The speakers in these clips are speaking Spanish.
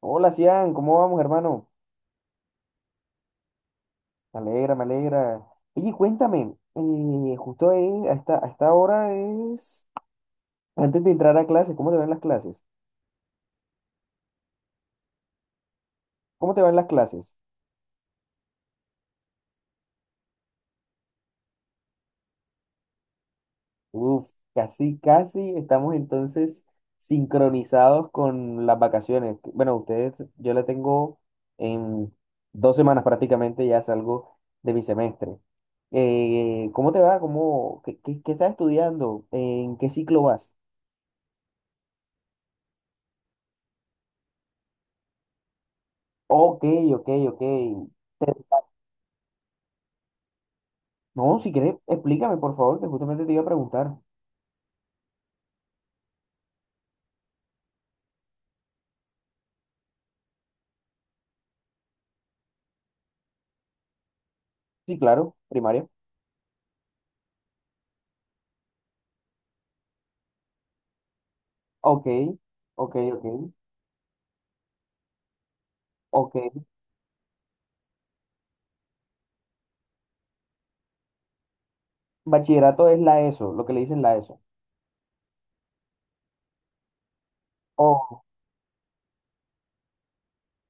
Hola, Cian, ¿cómo vamos, hermano? Me alegra, me alegra. Oye, cuéntame, justo ahí, a esta hora es antes de entrar a clases, ¿cómo te van las clases? ¿Cómo te van las clases? Uf, casi, casi estamos entonces sincronizados con las vacaciones. Bueno, ustedes, yo la tengo en 2 semanas prácticamente, ya salgo de mi semestre. ¿Cómo te va? ¿Qué estás estudiando? ¿En qué ciclo vas? Ok, ok, ok. No, si quieres, explícame, por favor, que justamente te iba a preguntar. Sí, claro, primaria. Ok, ok, ok, ok. Bachillerato es la ESO, lo que le dicen la ESO. Oh,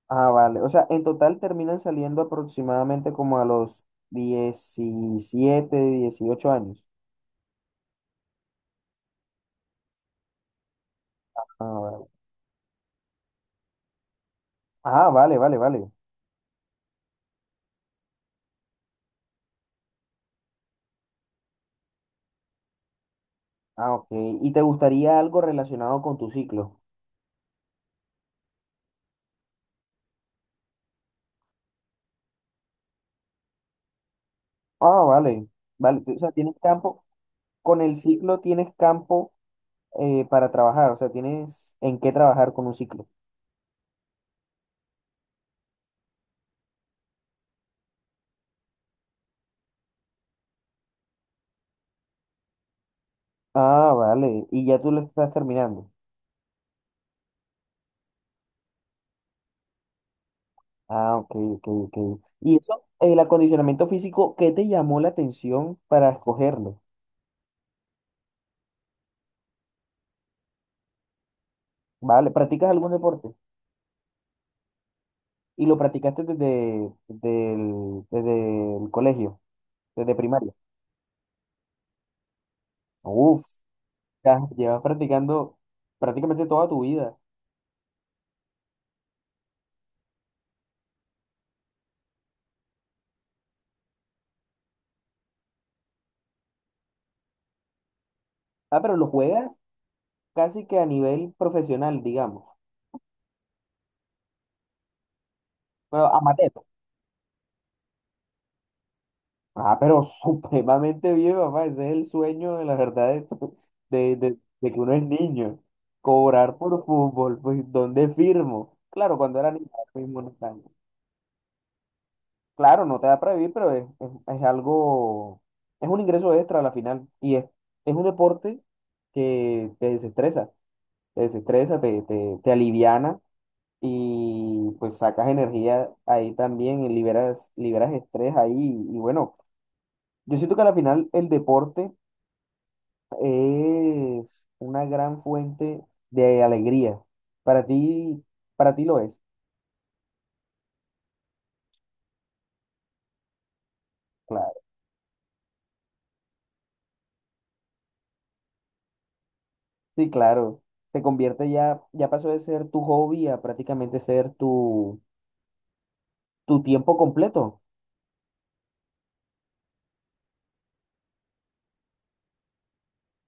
ah, vale. O sea, en total terminan saliendo aproximadamente como a los 17 18 años. Ah, vale. Ah, vale, vale, vale. Ah, ok. ¿Y te gustaría algo relacionado con tu ciclo? Ah, vale, vale. O sea, tienes campo, con el ciclo tienes campo para trabajar, o sea, tienes en qué trabajar con un ciclo. Ah, vale. Y ya tú lo estás terminando. Ah, ok, ok, ok. Y eso, el acondicionamiento físico, ¿qué te llamó la atención para escogerlo? Vale, ¿practicas algún deporte? Y lo practicaste desde el colegio, desde primaria. Uf, ya llevas practicando prácticamente toda tu vida. Ah, pero lo juegas casi que a nivel profesional, digamos, pero amateur. Ah, pero supremamente bien, papá. Ese es el sueño de la verdad de, to- de, de que uno es niño. Cobrar por fútbol, pues, ¿dónde firmo? Claro, cuando era niño, ahora mismo no tanto. Claro, no te da para vivir, pero es algo, es un ingreso extra a la final. Y es un deporte que te desestresa, te desestresa, te aliviana y pues sacas energía ahí también y liberas, liberas estrés ahí. Y bueno, yo siento que a la final el deporte es una gran fuente de alegría. Para ti, para ti lo es. Claro. Sí, claro. Se convierte ya, ya pasó de ser tu hobby a prácticamente ser tu tiempo completo.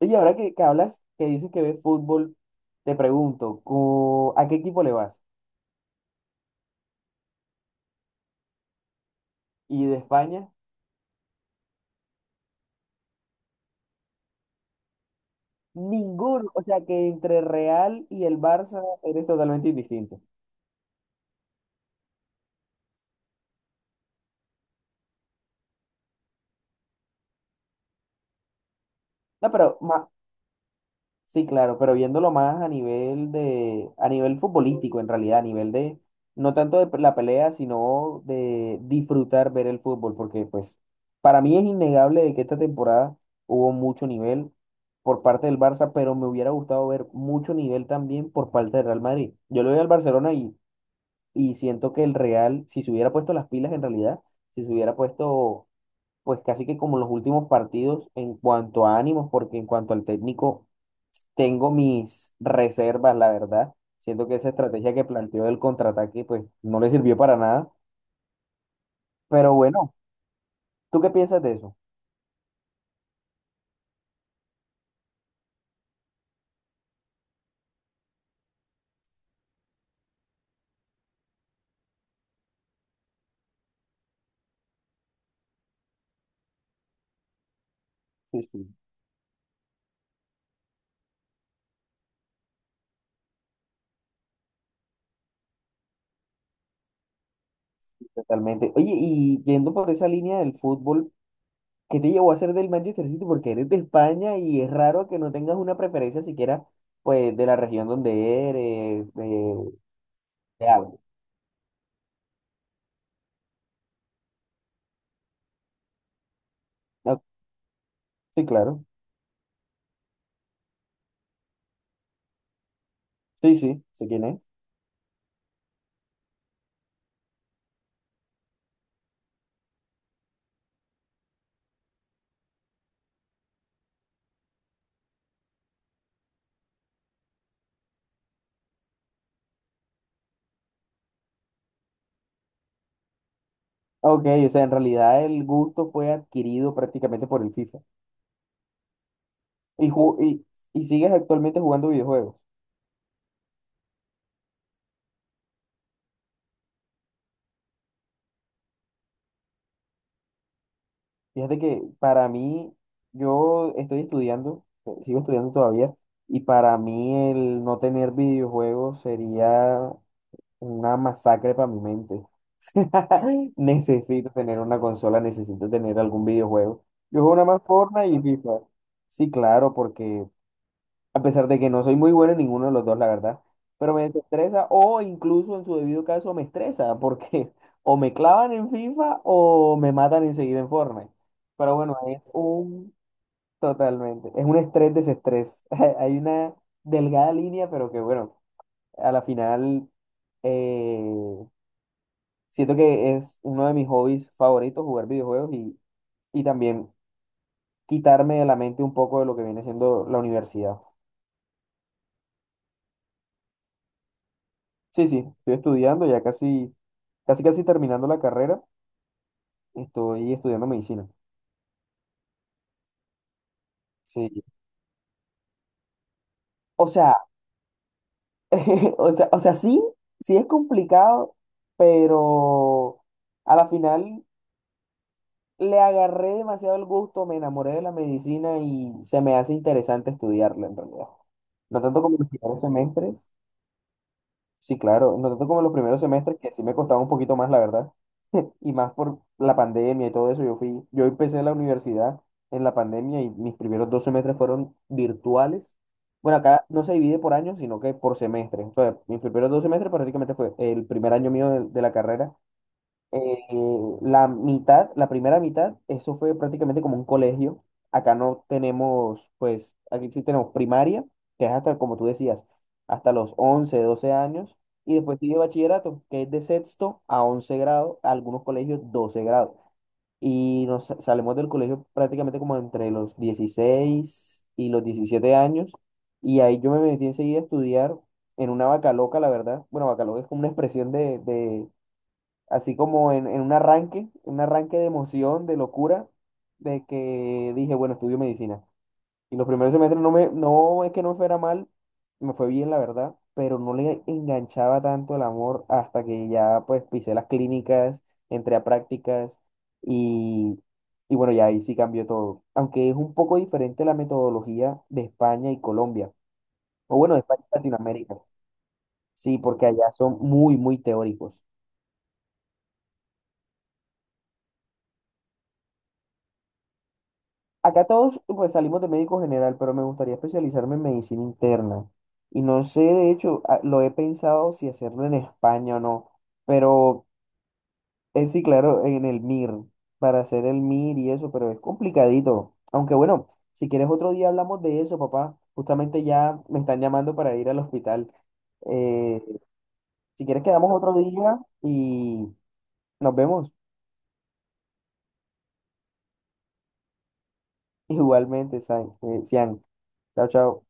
Oye, ahora que hablas, que dices que ves fútbol, te pregunto, ¿a qué equipo le vas? ¿Y de España? Ninguno. O sea que entre Real y el Barça eres totalmente indistinto. No, pero. Sí, claro, pero viéndolo más a nivel de, a nivel futbolístico, en realidad, a nivel de, no tanto de la pelea, sino de disfrutar ver el fútbol, porque pues para mí es innegable de que esta temporada hubo mucho nivel por parte del Barça, pero me hubiera gustado ver mucho nivel también por parte del Real Madrid. Yo le doy al Barcelona y siento que el Real, si se hubiera puesto las pilas en realidad, si se hubiera puesto pues casi que como los últimos partidos en cuanto a ánimos, porque en cuanto al técnico tengo mis reservas, la verdad. Siento que esa estrategia que planteó del contraataque, pues no le sirvió para nada. Pero bueno, ¿tú qué piensas de eso? Sí, sí, totalmente. Oye, y yendo por esa línea del fútbol, ¿qué te llevó a ser del Manchester City? Porque eres de España y es raro que no tengas una preferencia siquiera, pues, de la región donde eres, de algo. Ah, sí, claro. Sí, sí, sé quién es. Ok, o sea, en realidad el gusto fue adquirido prácticamente por el FIFA. Y, ju- y, y sigues actualmente jugando videojuegos. Fíjate que para mí, yo estoy estudiando, sigo estudiando todavía, y para mí el no tener videojuegos sería una masacre para mi mente. Necesito tener una consola, necesito tener algún videojuego. Yo juego nada más Fortnite y FIFA. Sí, claro, porque a pesar de que no soy muy bueno en ninguno de los dos, la verdad. Pero me desestresa o incluso en su debido caso me estresa porque o me clavan en FIFA o me matan enseguida en Fortnite. Pero bueno, es un totalmente, es un estrés desestrés. Hay una delgada línea, pero que bueno, a la final eh, siento que es uno de mis hobbies favoritos jugar videojuegos y también quitarme de la mente un poco de lo que viene siendo la universidad. Sí, sí, estoy estudiando, ya casi, casi, casi terminando la carrera, estoy estudiando medicina. Sí. O sea, o sea, sí, sí es complicado, pero a la final le agarré demasiado el gusto, me enamoré de la medicina y se me hace interesante estudiarla en realidad. No tanto como los primeros semestres, sí, claro, no tanto como los primeros semestres, que sí me costaba un poquito más, la verdad. Y más por la pandemia y todo eso. Yo empecé la universidad en la pandemia y mis primeros dos semestres fueron virtuales. Bueno, acá no se divide por años, sino que por semestres. O sea, mis primeros dos semestres prácticamente fue el primer año mío de la carrera eh, la mitad, la primera mitad, eso fue prácticamente como un colegio. Acá no tenemos, pues, aquí sí tenemos primaria, que es hasta, como tú decías, hasta los 11 12 años. Y después sigue bachillerato, que es de sexto a 11 grado, algunos colegios 12 grados. Y nos salimos del colegio prácticamente como entre los 16 y los 17 años. Y ahí yo me metí enseguida a estudiar en una vaca loca, la verdad. Bueno, vaca loca es como una expresión de, así como en un arranque de emoción, de locura, de que dije, bueno, estudio medicina. Y los primeros semestres no me, no es que no me fuera mal, me fue bien, la verdad, pero no le enganchaba tanto el amor hasta que ya pues pisé las clínicas, entré a prácticas y, y bueno, ya ahí sí cambió todo. Aunque es un poco diferente la metodología de España y Colombia, o bueno, de España y Latinoamérica. Sí, porque allá son muy, muy teóricos. Acá todos pues salimos de médico general, pero me gustaría especializarme en medicina interna. Y no sé, de hecho, lo he pensado si hacerlo en España o no, pero es sí, claro, en el MIR, para hacer el MIR y eso, pero es complicadito. Aunque bueno, si quieres otro día hablamos de eso, papá. Justamente ya me están llamando para ir al hospital. Eh, si quieres quedamos otro día y nos vemos igualmente, Sian. Chao, chao.